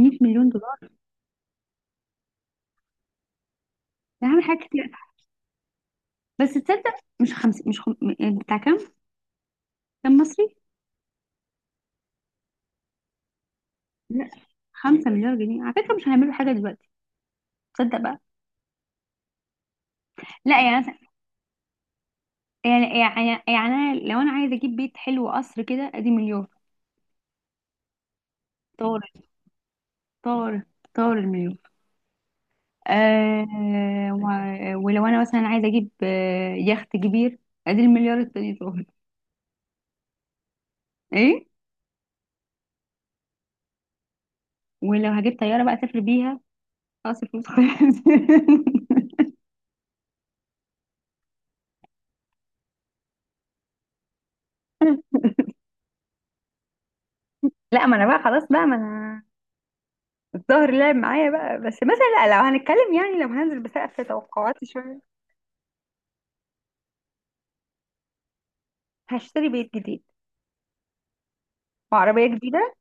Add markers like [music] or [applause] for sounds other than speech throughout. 100 مليون دولار. ده هعمل حاجات كتير، بس تصدق؟ مش خمس مش خم... م- بتاع كام؟ كام مصري؟ لا، 5 مليار جنيه على فكرة مش هيعملوا حاجة دلوقتي. تصدق بقى؟ لا، يعني أنا لو انا عايزة اجيب بيت حلو، قصر كده، ادي مليون. طار طار طار المليون. آه و... ولو انا مثلا عايزة اجيب يخت كبير، ادي المليار التاني طار. ايه؟ ولو هجيب طيارة بقى اسافر بيها، خلاص الفلوس خلصت. [laughs] لا، ما انا بقى خلاص، بقى ما انا الظهر لعب معايا بقى، بس مثلا لا، لو هنتكلم، يعني لو هننزل بسقف توقعاتي شوية. هشتري بيت جديد، وعربية جديدة.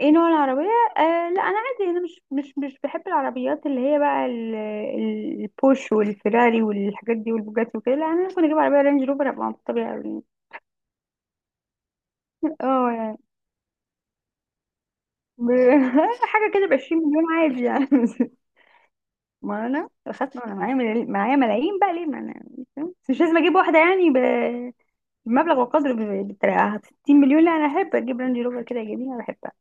ايه نوع العربية؟ آه لا، انا عادي، انا مش بحب العربيات اللي هي بقى البوش والفيراري والحاجات دي والبوجاتي وكده. لا، انا ممكن اجيب عربية رينج روفر ابقى مبسوطة بيها أوي يعني. اه يعني ب- [laughs] حاجة كده ب 20 مليون عادي يعني. [laughs] ما انا خدت، انا معايا معايا ملايين بقى، ليه؟ ما انا مش لازم اجيب واحدة يعني مبلغ وقدر بالطريقة 60 مليون. لا، انا احب اجيب رانج روفر كده جميل، انا بحبها.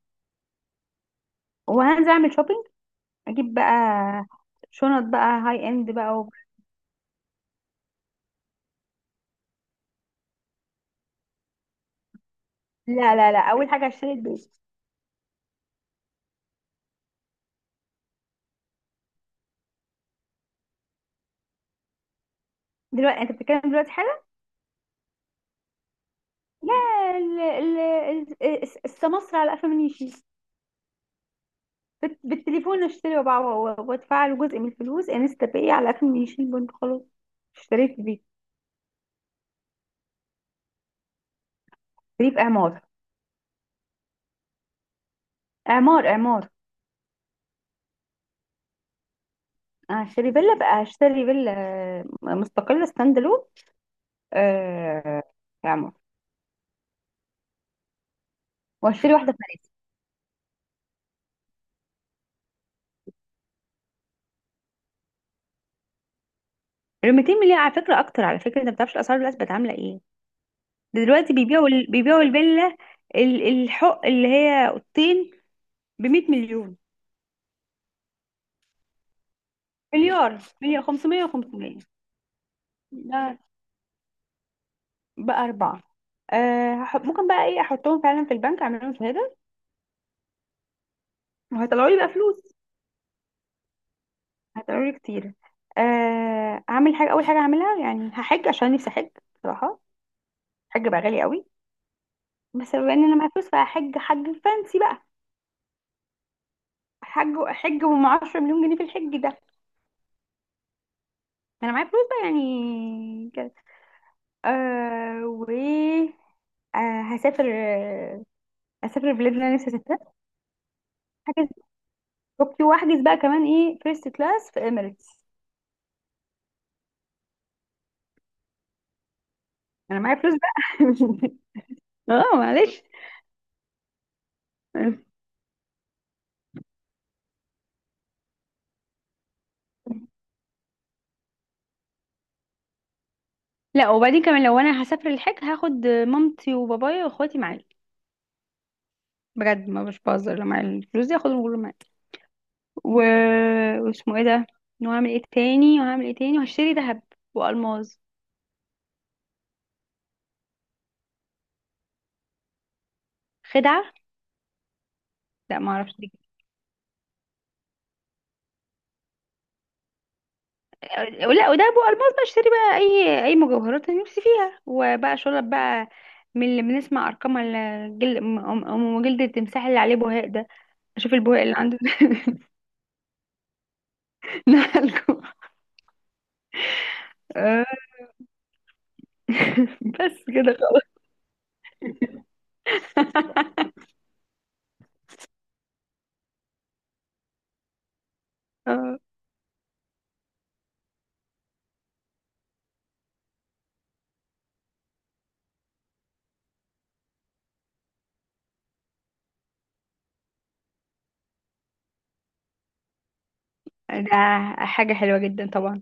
وهنزل اعمل شوبينج، اجيب بقى شنط بقى هاي اند بقى و... لا، اول حاجة هشتري البيت. دلوقتي؟ انت بتتكلم دلوقتي حالا؟ لا. ال... ال... السمسرة على قفا من يشيل. بالتليفون اشتري، وادفع له جزء من الفلوس انستا باي، على قفا من يشيل، بنت خلاص اشتريت بيت. اشتريت عمار. عمار. هشتري فيلا بقى، هشتري فيلا مستقلة ستاند. آه. يا عمر، واشتري واحده ثانيه. ال 200 مليون على فكره اكتر، على فكره انت ما بتعرفش الاسعار دلوقتي بقت عامله ايه. ده دلوقتي بيبيعوا بيبيعوا الفيلا، الحق اللي هي اوضتين، ب 100 مليون. مليار؟ مليار 500 و500. ده بقى اربعه. آه ممكن بقى ايه، احطهم فعلا في البنك، اعمل لهم شهاده وهيطلعوا لي بقى فلوس. هيطلعوا لي كتير. آه، اعمل حاجه، اول حاجه اعملها يعني هحج، عشان نفسي احج بصراحه. الحج بقى غالي قوي، بس بما ان انا معايا فلوس فهحج حج فانسي بقى. حج، وما 10 مليون جنيه في الحج ده، ما انا معايا فلوس بقى يعني كده. آه و آه هسافر، آه هسافر البلاد اللي انا نفسي اسافرها. هحجز، اوكي واحجز بقى كمان ايه، فيرست كلاس في اميريتس. انا معايا فلوس بقى. [laughs] اه معلش. لا، وبعدين كمان لو انا هسافر الحج هاخد مامتي وبابايا واخواتي معايا. بجد، ما مش بهزر، لو معايا الفلوس دي هاخدهم كلهم معايا. و... واسمه ايه ده، وهعمل ايه تاني وهشتري ذهب والماظ. خدعة؟ لا، ما اعرفش دي. أه، لا وده ابو الماس بقى، اشتري بقى اي مجوهرات انا نفسي فيها، وبقى شرب بقى من اللي بنسمع ارقام الجل... ام أم جلد التمساح اللي عليه بهاق ده، اشوف البهاق اللي عنده. [laughs] نقلكم. آه، [laughs] بس كده خلاص. آه، ده حاجه حلوه جدا طبعا.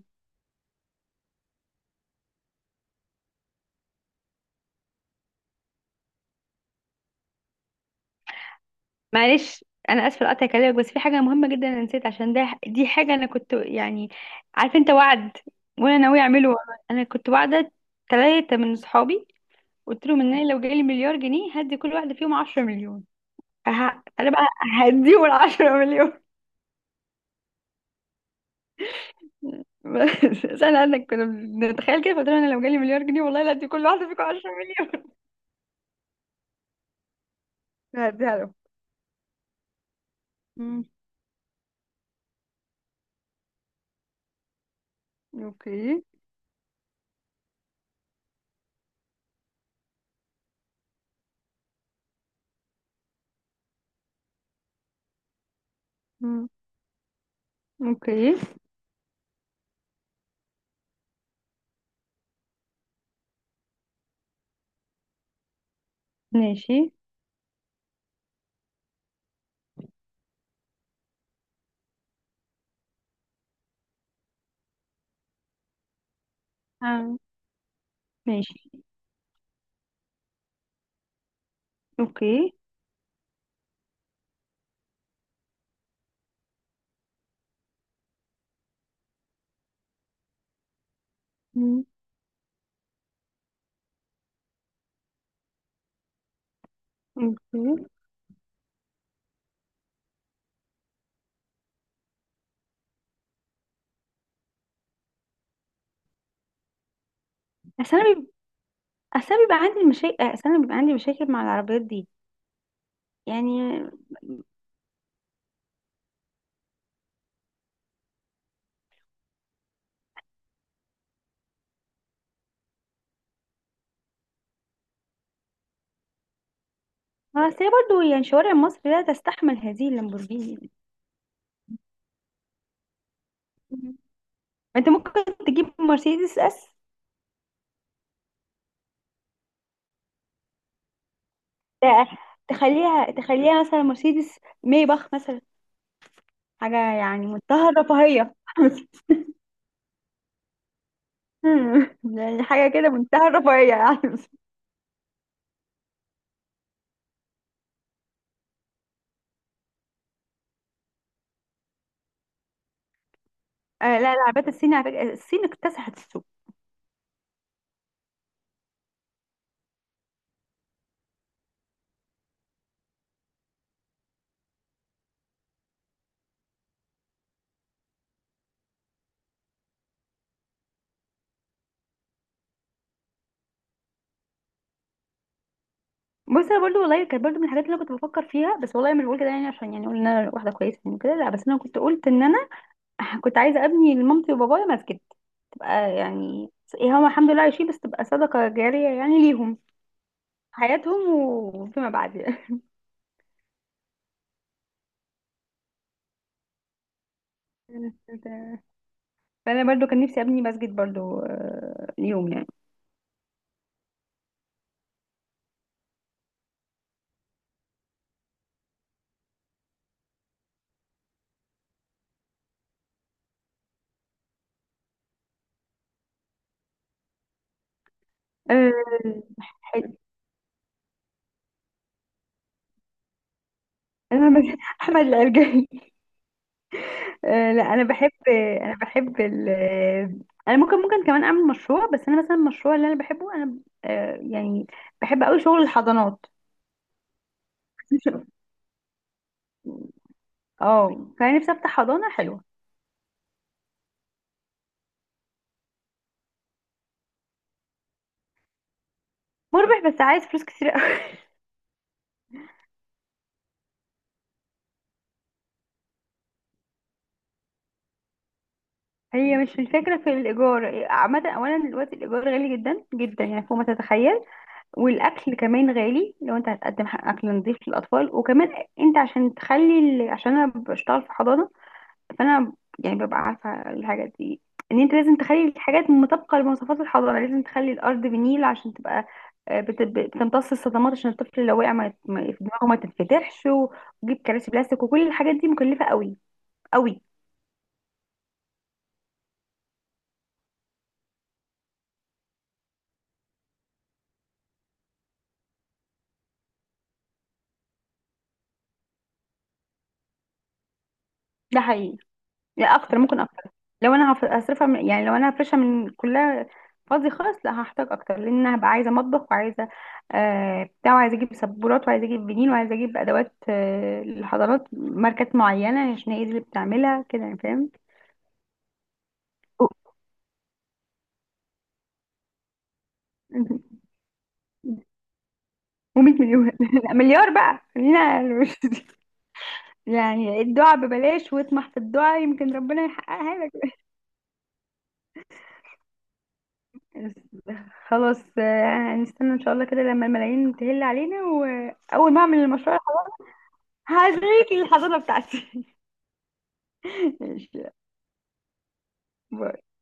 معلش انا اسفه لقطع كلامك، بس في حاجه مهمه جدا انا نسيت عشان ده، دي حاجه انا كنت يعني، عارف، انت وعد، وانا ناويه اعمله والله. انا كنت وعده ثلاثه من صحابي، قلت لهم ان انا لو جالي مليار جنيه هدي كل واحده فيهم 10 مليون. انا بقى هديهم ال 10 مليون. [laughs] بس انا كنا بنتخيل كده، فقلت لهم انا لو جالي مليار جنيه والله لا هدي كل واحده فيكم 10 مليون. [laughs] هديها لهم. مم. اوكي. مم. اوكي. ماشي. آه. ماشي. اوكي. مم. اوكي. اصل انا بيب... اصل أنا بيبقى عندي مشاكل، مع العربيات دي يعني. آه، اصل هي برضه يعني شوارع مصر لا تستحمل هذه اللامبورجيني. انت ممكن تجيب مرسيدس اس. ت- تخليها تخليها مثلا مرسيدس مايباخ مثلا، حاجة يعني منتهى الرفاهية. [laughs] يعني حاجة كده منتهى الرفاهية. [laughs] يعني آه لا، العربيات الصيني على فكرة، الصين اكتسحت السوق. بص انا برضو والله كانت برضو من الحاجات اللي انا كنت بفكر فيها، بس والله مش بقول كده يعني عشان يعني اقول ان انا واحدة كويسة يعني كده لا، بس انا كنت قلت ان انا [laughs] كنت عايزة ابني لمامتي وبابايا مسجد، تبقى يعني، هم الحمد لله عايشين، بس تبقى صدقة جارية يعني ليهم في حياتهم وفيما بعد يعني. تمام. فانا برضو كان نفسي ابني مسجد برضو، آه، يوم يعني. آه، حلو. انا مس- [laughs] احمد العرجاني. آه، لا انا بحب، انا بحب ال انا ممكن، ممكن كمان اعمل مشروع، بس انا مثلا المشروع اللي انا بحبه انا، آه، يعني، بحب قوي شغل الحضانات. [laughs] اه، فانا نفسي افتح حضانه حلوه. مربح، بس عايز فلوس كتير قوي. [laughs] هي مش الفكره في الايجار عامه، اولا دلوقتي الايجار غالي جدا يعني فوق ما تتخيل. والاكل كمان غالي، لو انت هتقدم اكل نظيف للاطفال. وكمان انت عشان تخلي عشان انا بشتغل في حضانه، فانا يعني ببقى عارفه الحاجات دي، ان انت لازم تخلي الحاجات مطابقه لمواصفات الحضانه، لازم تخلي الارض بنيل عشان تبقى آه، بتمتص الصدمات، عشان الطفل لو وقع ما دماغه ما تتفتحش، وجيب كراسي بلاستيك، وكل الحاجات دي مكلفه قوي. ده حقيقي. لا، اكتر، ممكن اكتر. لو انا هصرفها من، يعني لو انا هفرشها من كلها فاضي خالص، لا هحتاج اكتر، لان انا هبقى عايزه مطبخ، وعايزه آه بتاع، وعايزه اجيب سبورات، وعايزه اجيب بنين، وعايزه اجيب ادوات آه للحضانات ماركات معينه، عشان هي دي اللي بتعملها كده يعني، فاهم؟ و100 مليون. [laughs] لا، مليار بقى، خلينا يعني الدعاء ببلاش، واطمح في الدعاء، يمكن ربنا يحققها لك. خلاص آه، هنستنى ان شاء الله كده لما الملايين تهل علينا. واول ما اعمل المشروع هوريكي الحضانة بتاعتي. [laughs] ماشي.